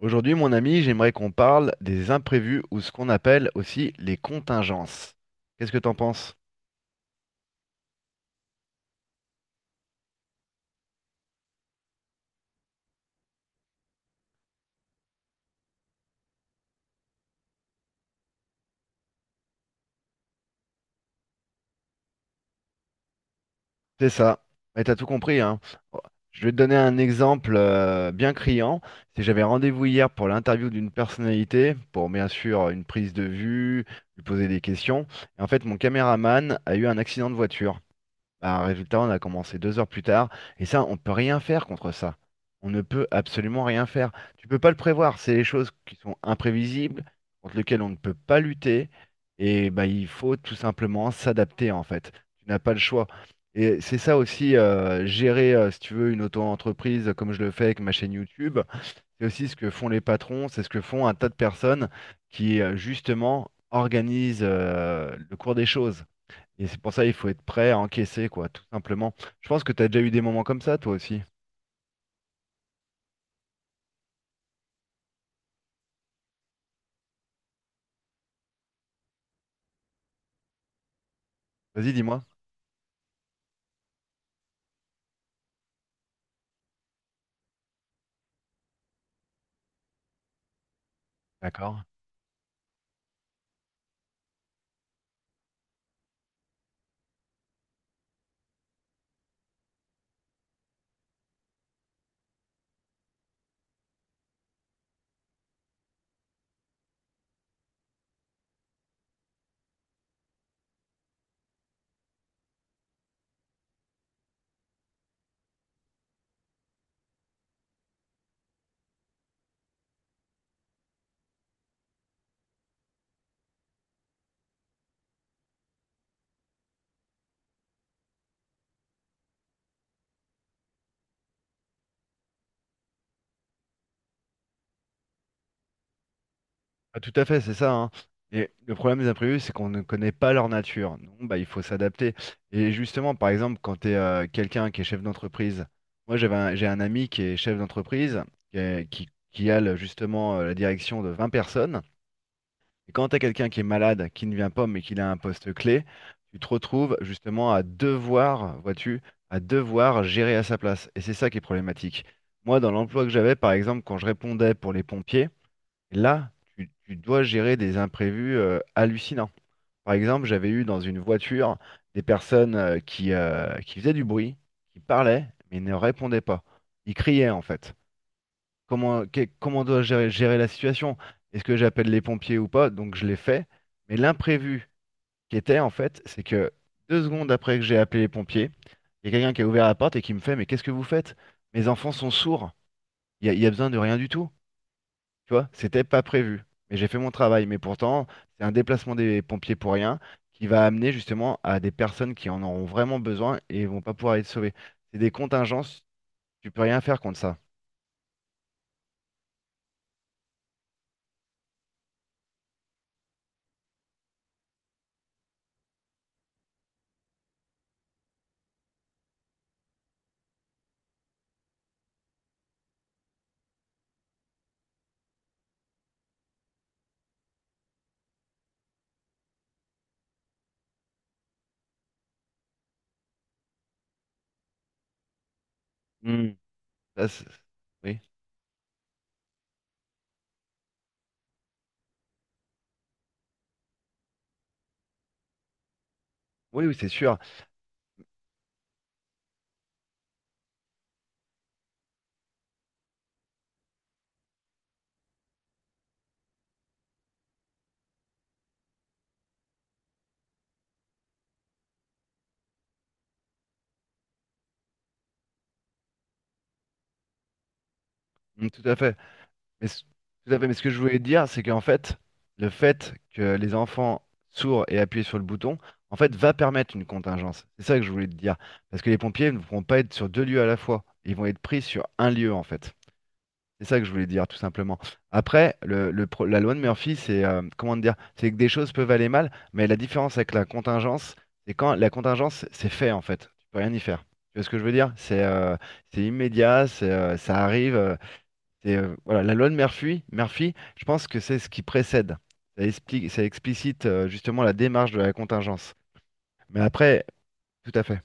Aujourd'hui, mon ami, j'aimerais qu'on parle des imprévus ou ce qu'on appelle aussi les contingences. Qu'est-ce que t'en penses? C'est ça. Mais t'as tout compris, hein. Bon, je vais te donner un exemple bien criant. Si j'avais rendez-vous hier pour l'interview d'une personnalité, pour bien sûr une prise de vue, lui poser des questions. Et en fait, mon caméraman a eu un accident de voiture. Bah, résultat, on a commencé 2 heures plus tard, et ça, on peut rien faire contre ça. On ne peut absolument rien faire. Tu peux pas le prévoir. C'est les choses qui sont imprévisibles, contre lesquelles on ne peut pas lutter, et bah, il faut tout simplement s'adapter en fait. Tu n'as pas le choix. Et c'est ça aussi, gérer, si tu veux, une auto-entreprise comme je le fais avec ma chaîne YouTube. C'est aussi ce que font les patrons, c'est ce que font un tas de personnes qui, justement, organisent, le cours des choses. Et c'est pour ça il faut être prêt à encaisser, quoi, tout simplement. Je pense que tu as déjà eu des moments comme ça, toi aussi. Vas-y, dis-moi. D'accord. Ah, tout à fait, c'est ça, hein. Et le problème des imprévus, c'est qu'on ne connaît pas leur nature. Donc, bah, il faut s'adapter. Et justement, par exemple, quand tu es quelqu'un qui est chef d'entreprise, moi j'ai un ami qui est chef d'entreprise, qui a justement la direction de 20 personnes. Et quand tu as quelqu'un qui est malade, qui ne vient pas, mais qu'il a un poste clé, tu te retrouves justement à devoir, vois-tu, à devoir gérer à sa place. Et c'est ça qui est problématique. Moi, dans l'emploi que j'avais, par exemple, quand je répondais pour les pompiers, là, tu dois gérer des imprévus hallucinants. Par exemple, j'avais eu dans une voiture des personnes qui faisaient du bruit, qui parlaient, mais ne répondaient pas. Ils criaient, en fait comment, comment dois-je gérer la situation? Est-ce que j'appelle les pompiers ou pas? Donc je l'ai fait. Mais l'imprévu qui était en fait, c'est que 2 secondes après que j'ai appelé les pompiers, il y a quelqu'un qui a ouvert la porte et qui me fait, mais qu'est-ce que vous faites? Mes enfants sont sourds. Il y a besoin de rien du tout. Tu vois, c'était pas prévu. Mais j'ai fait mon travail. Mais pourtant, c'est un déplacement des pompiers pour rien qui va amener justement à des personnes qui en auront vraiment besoin et vont pas pouvoir être sauvées. C'est des contingences, tu peux rien faire contre ça. Hmm. Ça, c'est- oui, oui, c'est sûr. Mm, tout à fait. Mais, ce- tout à fait. Mais ce que je voulais dire, c'est qu'en fait, le fait que les enfants sourds aient appuyé sur le bouton, en fait, va permettre une contingence. C'est ça que je voulais te dire. Parce que les pompiers ne pourront pas être sur 2 lieux à la fois. Ils vont être pris sur un lieu, en fait. C'est ça que je voulais dire, tout simplement. Après, la loi de Murphy, c'est comment te dire, c'est que des choses peuvent aller mal, mais la différence avec la contingence, c'est quand la contingence, c'est fait, en fait. Tu peux rien y faire. Tu vois ce que je veux dire? C'est immédiat, ça arrive. C'est voilà, la loi de Murphy, je pense que c'est ce qui précède. Ça explicite justement la démarche de la contingence. Mais après, tout à fait,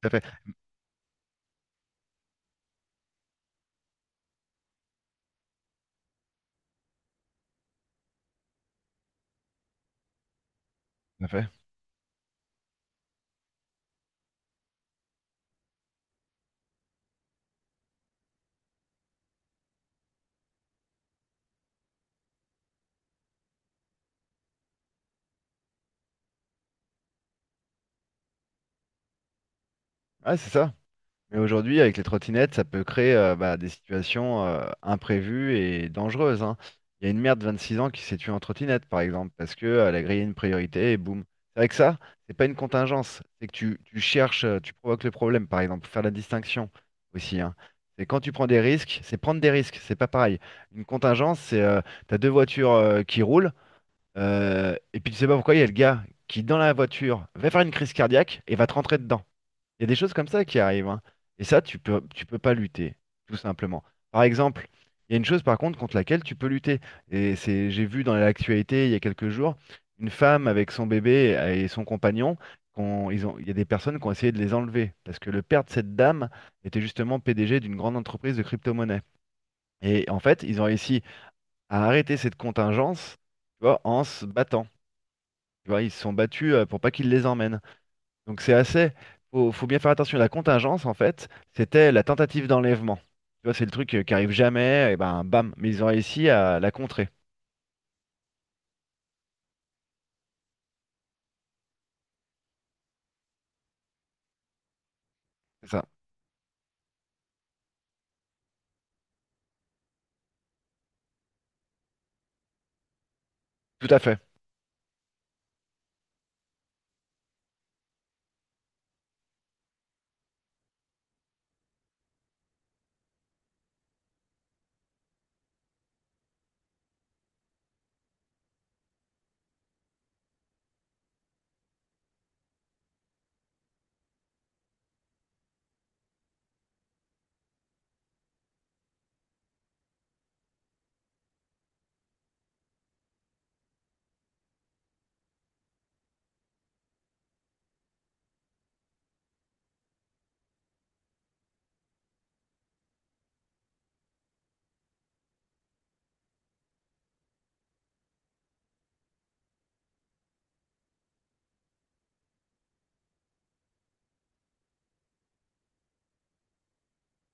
tout à fait, tout à fait. Ah, c'est ça. Mais aujourd'hui, avec les trottinettes, ça peut créer bah, des situations imprévues et dangereuses, hein. Il y a une mère de 26 ans qui s'est tuée en trottinette, par exemple, parce qu'elle a grillé une priorité et boum. C'est vrai que ça, c'est pas une contingence. C'est que tu cherches, tu provoques le problème, par exemple, faut faire la distinction aussi, hein. C'est quand tu prends des risques, c'est prendre des risques, c'est pas pareil. Une contingence, c'est t'as 2 voitures qui roulent, et puis tu sais pas pourquoi il y a le gars qui, dans la voiture, va faire une crise cardiaque et va te rentrer dedans. Il y a des choses comme ça qui arrivent, hein. Et ça, tu peux pas lutter, tout simplement. Par exemple, il y a une chose par contre contre laquelle tu peux lutter. Et c'est, j'ai vu dans l'actualité il y a quelques jours, une femme avec son bébé et son compagnon, il y a des personnes qui ont essayé de les enlever parce que le père de cette dame était justement PDG d'une grande entreprise de crypto-monnaie. Et en fait, ils ont réussi à arrêter cette contingence, tu vois, en se battant. Tu vois, ils se sont battus pour pas qu'ils les emmènent. Donc c'est assez. Faut bien faire attention. La contingence, en fait, c'était la tentative d'enlèvement. Tu vois, c'est le truc qui arrive jamais, et ben bam. Mais ils ont réussi à la contrer. C'est ça. Tout à fait.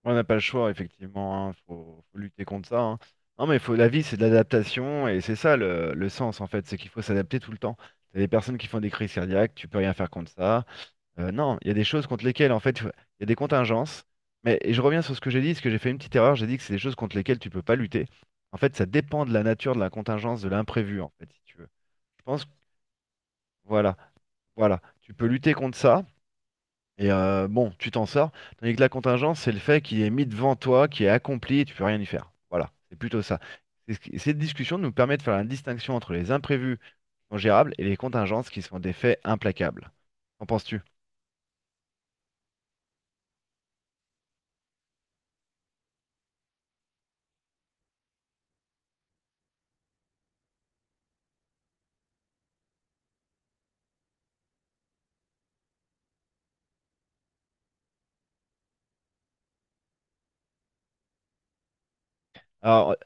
On n'a pas le choix, effectivement. Hein. Faut lutter contre ça. Hein. Non, mais faut, la vie, c'est de l'adaptation, et c'est ça le sens, en fait. C'est qu'il faut s'adapter tout le temps. T'as des personnes qui font des crises cardiaques, tu peux rien faire contre ça. Non, il y a des choses contre lesquelles, en fait, il y a des contingences. Mais et je reviens sur ce que j'ai dit, parce que j'ai fait une petite erreur. J'ai dit que c'est des choses contre lesquelles tu peux pas lutter. En fait, ça dépend de la nature de la contingence, de l'imprévu, en fait, si tu veux. Je pense, voilà, voilà. Tu peux lutter contre ça, et bon, tu t'en sors. Tandis que la contingence, c'est le fait qu'il est mis devant toi, qui est accompli, et tu peux rien y faire. Voilà, c'est plutôt ça. Cette discussion nous permet de faire la distinction entre les imprévus qui sont gérables et les contingences qui sont des faits implacables. Qu'en penses-tu? Alors,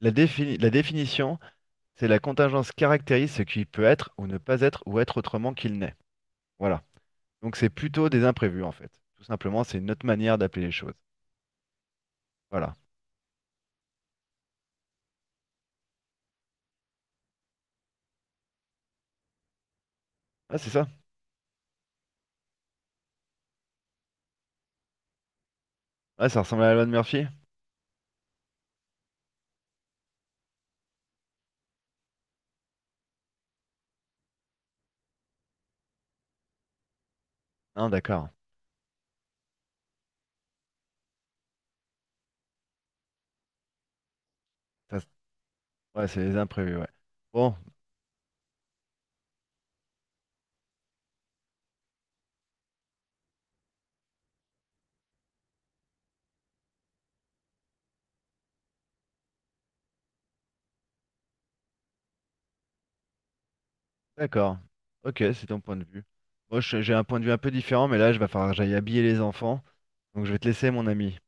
la définition, c'est la contingence caractérise ce qui peut être ou ne pas être ou être autrement qu'il n'est. Voilà. Donc c'est plutôt des imprévus en fait. Tout simplement, c'est une autre manière d'appeler les choses. Voilà. Ah, c'est ça? Ouais, ça ressemble à la loi de Murphy? Non, d'accord. Ça, ouais, c'est les imprévus, ouais. Bon, d'accord. Ok, c'est ton point de vue. Moi, j'ai un point de vue un peu différent, mais là, je vais falloir que j'aille habiller les enfants. Donc je vais te laisser, mon ami.